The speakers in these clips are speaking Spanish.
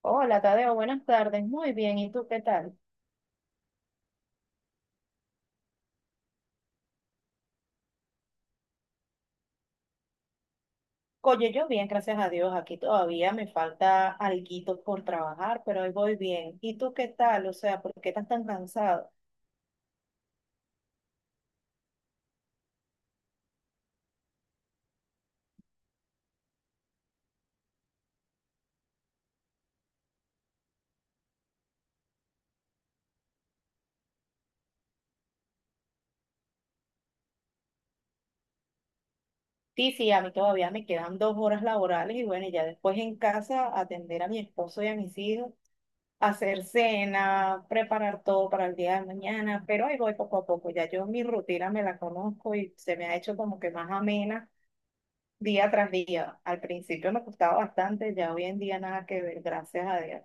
Hola, Tadeo, buenas tardes. Muy bien, ¿y tú qué tal? Oye, yo bien, gracias a Dios. Aquí todavía me falta alguito por trabajar, pero hoy voy bien. ¿Y tú qué tal? O sea, ¿por qué estás tan cansado? Sí, sí, a mí todavía me quedan 2 horas laborales y bueno, y ya después en casa atender a mi esposo y a mis hijos, hacer cena, preparar todo para el día de mañana, pero ahí voy poco a poco. Ya yo mi rutina me la conozco y se me ha hecho como que más amena día tras día. Al principio me costaba bastante, ya hoy en día nada que ver, gracias a Dios.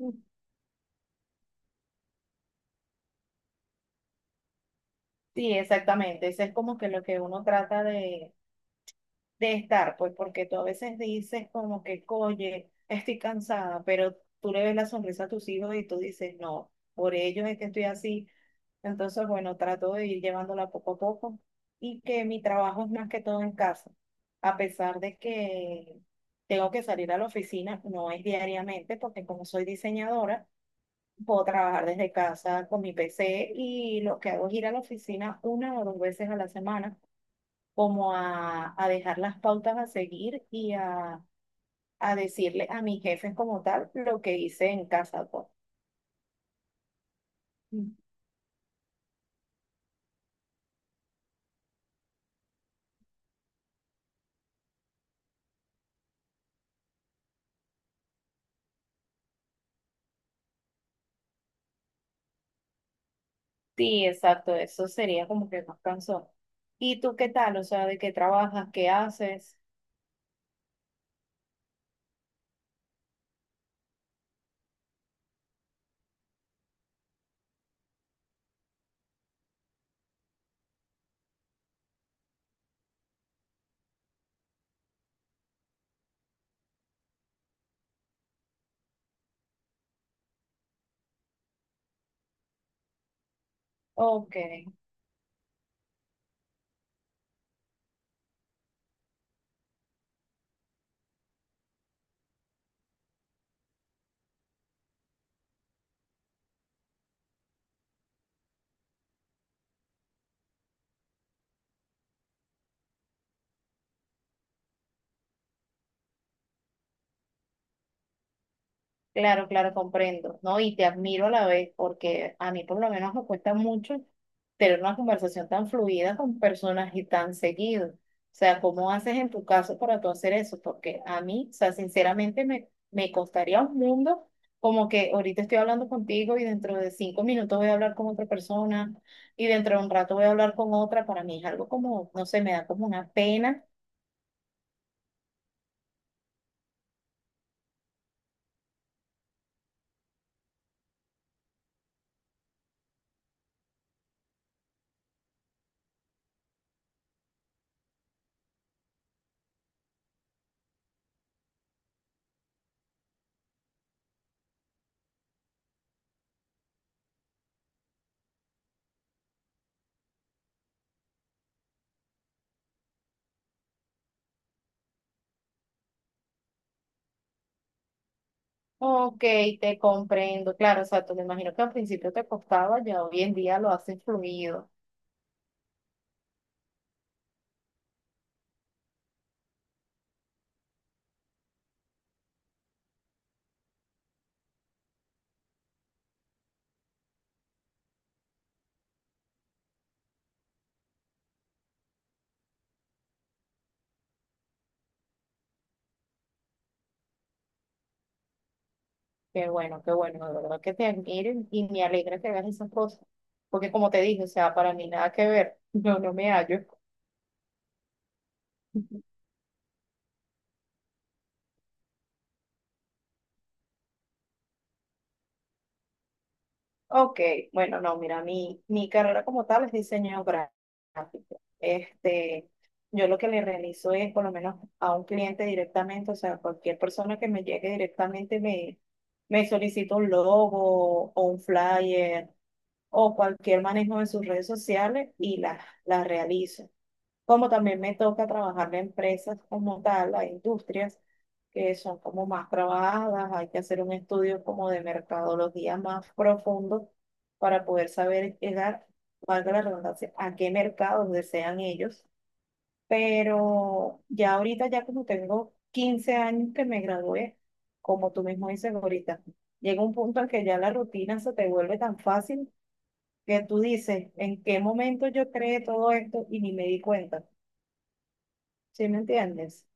Mm. Sí, exactamente, eso es como que lo que uno trata de estar, pues porque tú a veces dices como que, oye, estoy cansada, pero tú le ves la sonrisa a tus hijos y tú dices, no, por ellos es que estoy así. Entonces, bueno, trato de ir llevándola poco a poco y que mi trabajo es más que todo en casa, a pesar de que tengo que salir a la oficina, no es diariamente, porque como soy diseñadora, puedo trabajar desde casa con mi PC y lo que hago es ir a la oficina una o dos veces a la semana, como a dejar las pautas a seguir y a decirle a mis jefes como tal lo que hice en casa pues. Mm. Sí, exacto, eso sería como que más cansón. ¿Y tú qué tal? O sea, ¿de qué trabajas? ¿Qué haces? Ok. Claro, claro, comprendo, ¿no? Y te admiro a la vez, porque a mí por lo menos me cuesta mucho tener una conversación tan fluida con personas y tan seguido. O sea, ¿cómo haces en tu caso para tú hacer eso? Porque a mí, o sea, sinceramente me costaría un mundo como que ahorita estoy hablando contigo y dentro de 5 minutos voy a hablar con otra persona y dentro de un rato voy a hablar con otra. Para mí es algo como, no sé, me da como una pena. Ok, te comprendo. Claro, o sea, tú me imagino que al principio te costaba, ya hoy en día lo haces fluido. Qué bueno, de verdad que te admiro y me alegra que hagas esas cosas. Porque como te dije, o sea, para mí nada que ver, yo no me hallo. Ok, bueno, no, mira, mi carrera como tal es diseño gráfico. Este, yo lo que le realizo es, por lo menos a un cliente directamente, o sea, cualquier persona que me llegue directamente me solicita un logo o un flyer o cualquier manejo de sus redes sociales y las realizo. Como también me toca trabajar en empresas como tal, hay industrias que son como más trabajadas, hay que hacer un estudio como de mercadología más profundo para poder saber llegar, valga la redundancia, a qué mercados desean ellos. Pero ya ahorita, ya como tengo 15 años que me gradué, como tú mismo dices ahorita, llega un punto en que ya la rutina se te vuelve tan fácil que tú dices, ¿en qué momento yo creé todo esto y ni me di cuenta? ¿Sí me entiendes?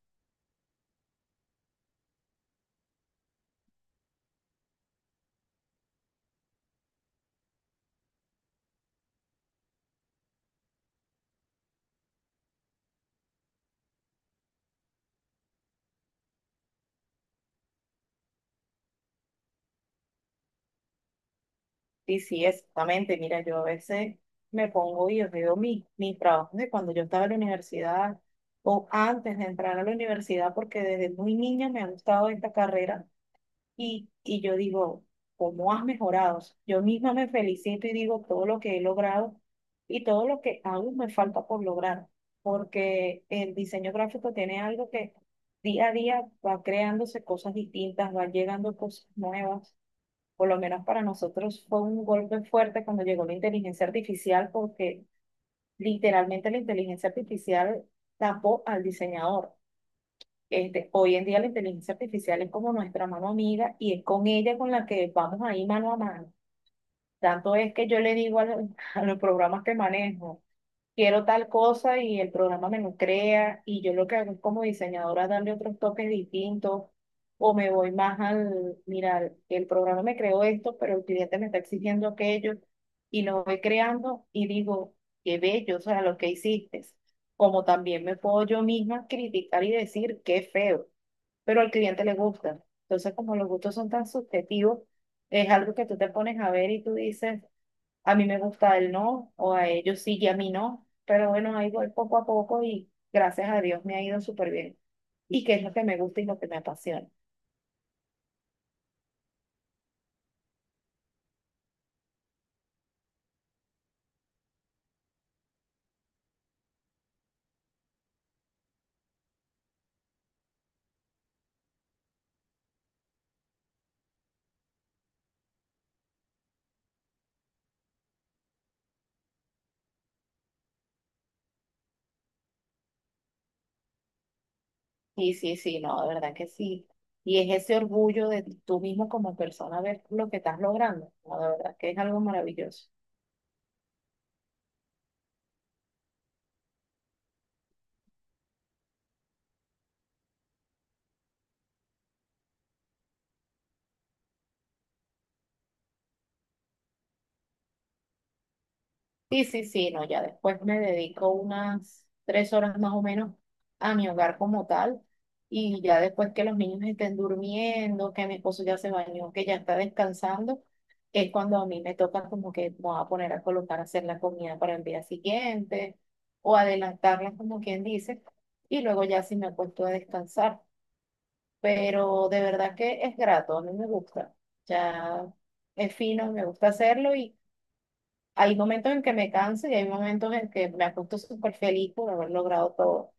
Y sí, exactamente. Mira, yo a veces me pongo y yo veo mis trabajos de cuando yo estaba en la universidad o antes de entrar a la universidad, porque desde muy niña me ha gustado esta carrera. Y yo digo, ¿cómo has mejorado? O sea, yo misma me felicito y digo todo lo que he logrado y todo lo que aún me falta por lograr, porque el diseño gráfico tiene algo que día a día va creándose cosas distintas, van llegando cosas nuevas. Por lo menos para nosotros fue un golpe fuerte cuando llegó la inteligencia artificial, porque literalmente la inteligencia artificial tapó al diseñador. Este, hoy en día la inteligencia artificial es como nuestra mano amiga y es con ella con la que vamos ahí mano a mano. Tanto es que yo le digo a los, a los programas que manejo, quiero tal cosa y el programa me lo crea y yo lo que hago es como diseñadora es darle otros toques distintos o me voy más al, mira, el programa me creó esto, pero el cliente me está exigiendo aquello y lo voy creando y digo, qué bello, o sea, lo que hiciste. Como también me puedo yo misma criticar y decir, qué feo, pero al cliente le gusta. Entonces, como los gustos son tan subjetivos, es algo que tú te pones a ver y tú dices, a mí me gusta el no, o a ellos sí y a mí no, pero bueno, ahí voy poco a poco y gracias a Dios me ha ido súper bien. Y qué es lo que me gusta y lo que me apasiona. Y sí, sí, no, de verdad que sí. Y es ese orgullo de tú mismo como persona ver lo que estás logrando. No, de verdad que es algo maravilloso. Sí, sí, sí, no, ya después me dedico unas 3 horas más o menos a mi hogar como tal y ya después que los niños estén durmiendo, que mi esposo ya se bañó, que ya está descansando, es cuando a mí me toca como que me voy a poner a colocar a hacer la comida para el día siguiente o adelantarla como quien dice y luego ya sí me acuesto a descansar, pero de verdad que es grato, a mí me gusta, ya es fino, me gusta hacerlo y hay momentos en que me canso y hay momentos en que me acuesto súper feliz por haber logrado todo.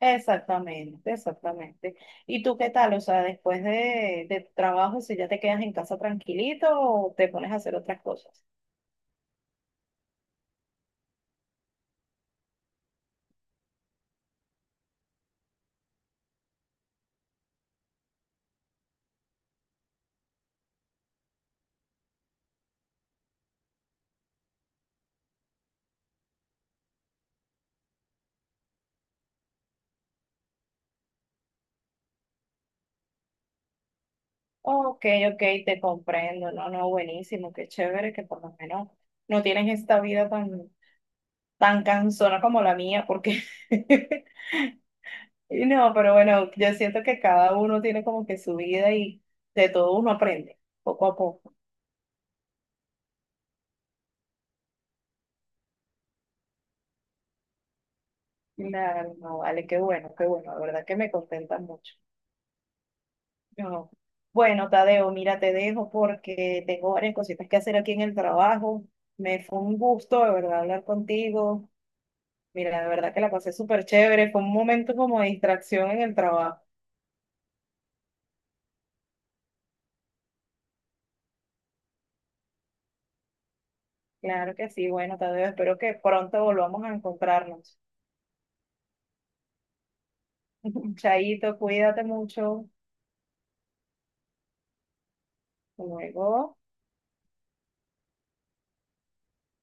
Exactamente, exactamente. ¿Y tú qué tal? O sea, después de tu trabajo, si ya te quedas en casa tranquilito o te pones a hacer otras cosas. Ok, ok, te comprendo. No, no, buenísimo, qué chévere que por lo menos no tienes esta vida tan cansona como la mía, porque y no, pero bueno, yo siento que cada uno tiene como que su vida y de todo uno aprende, poco a poco. Claro, no, vale, qué bueno, la verdad que me contenta mucho. No. Bueno, Tadeo, mira, te dejo porque tengo varias cositas que hacer aquí en el trabajo. Me fue un gusto, de verdad, hablar contigo. Mira, de verdad que la pasé súper chévere, fue un momento como de distracción en el trabajo. Claro que sí, bueno, Tadeo, espero que pronto volvamos a encontrarnos. Chaito, cuídate mucho. Hasta luego.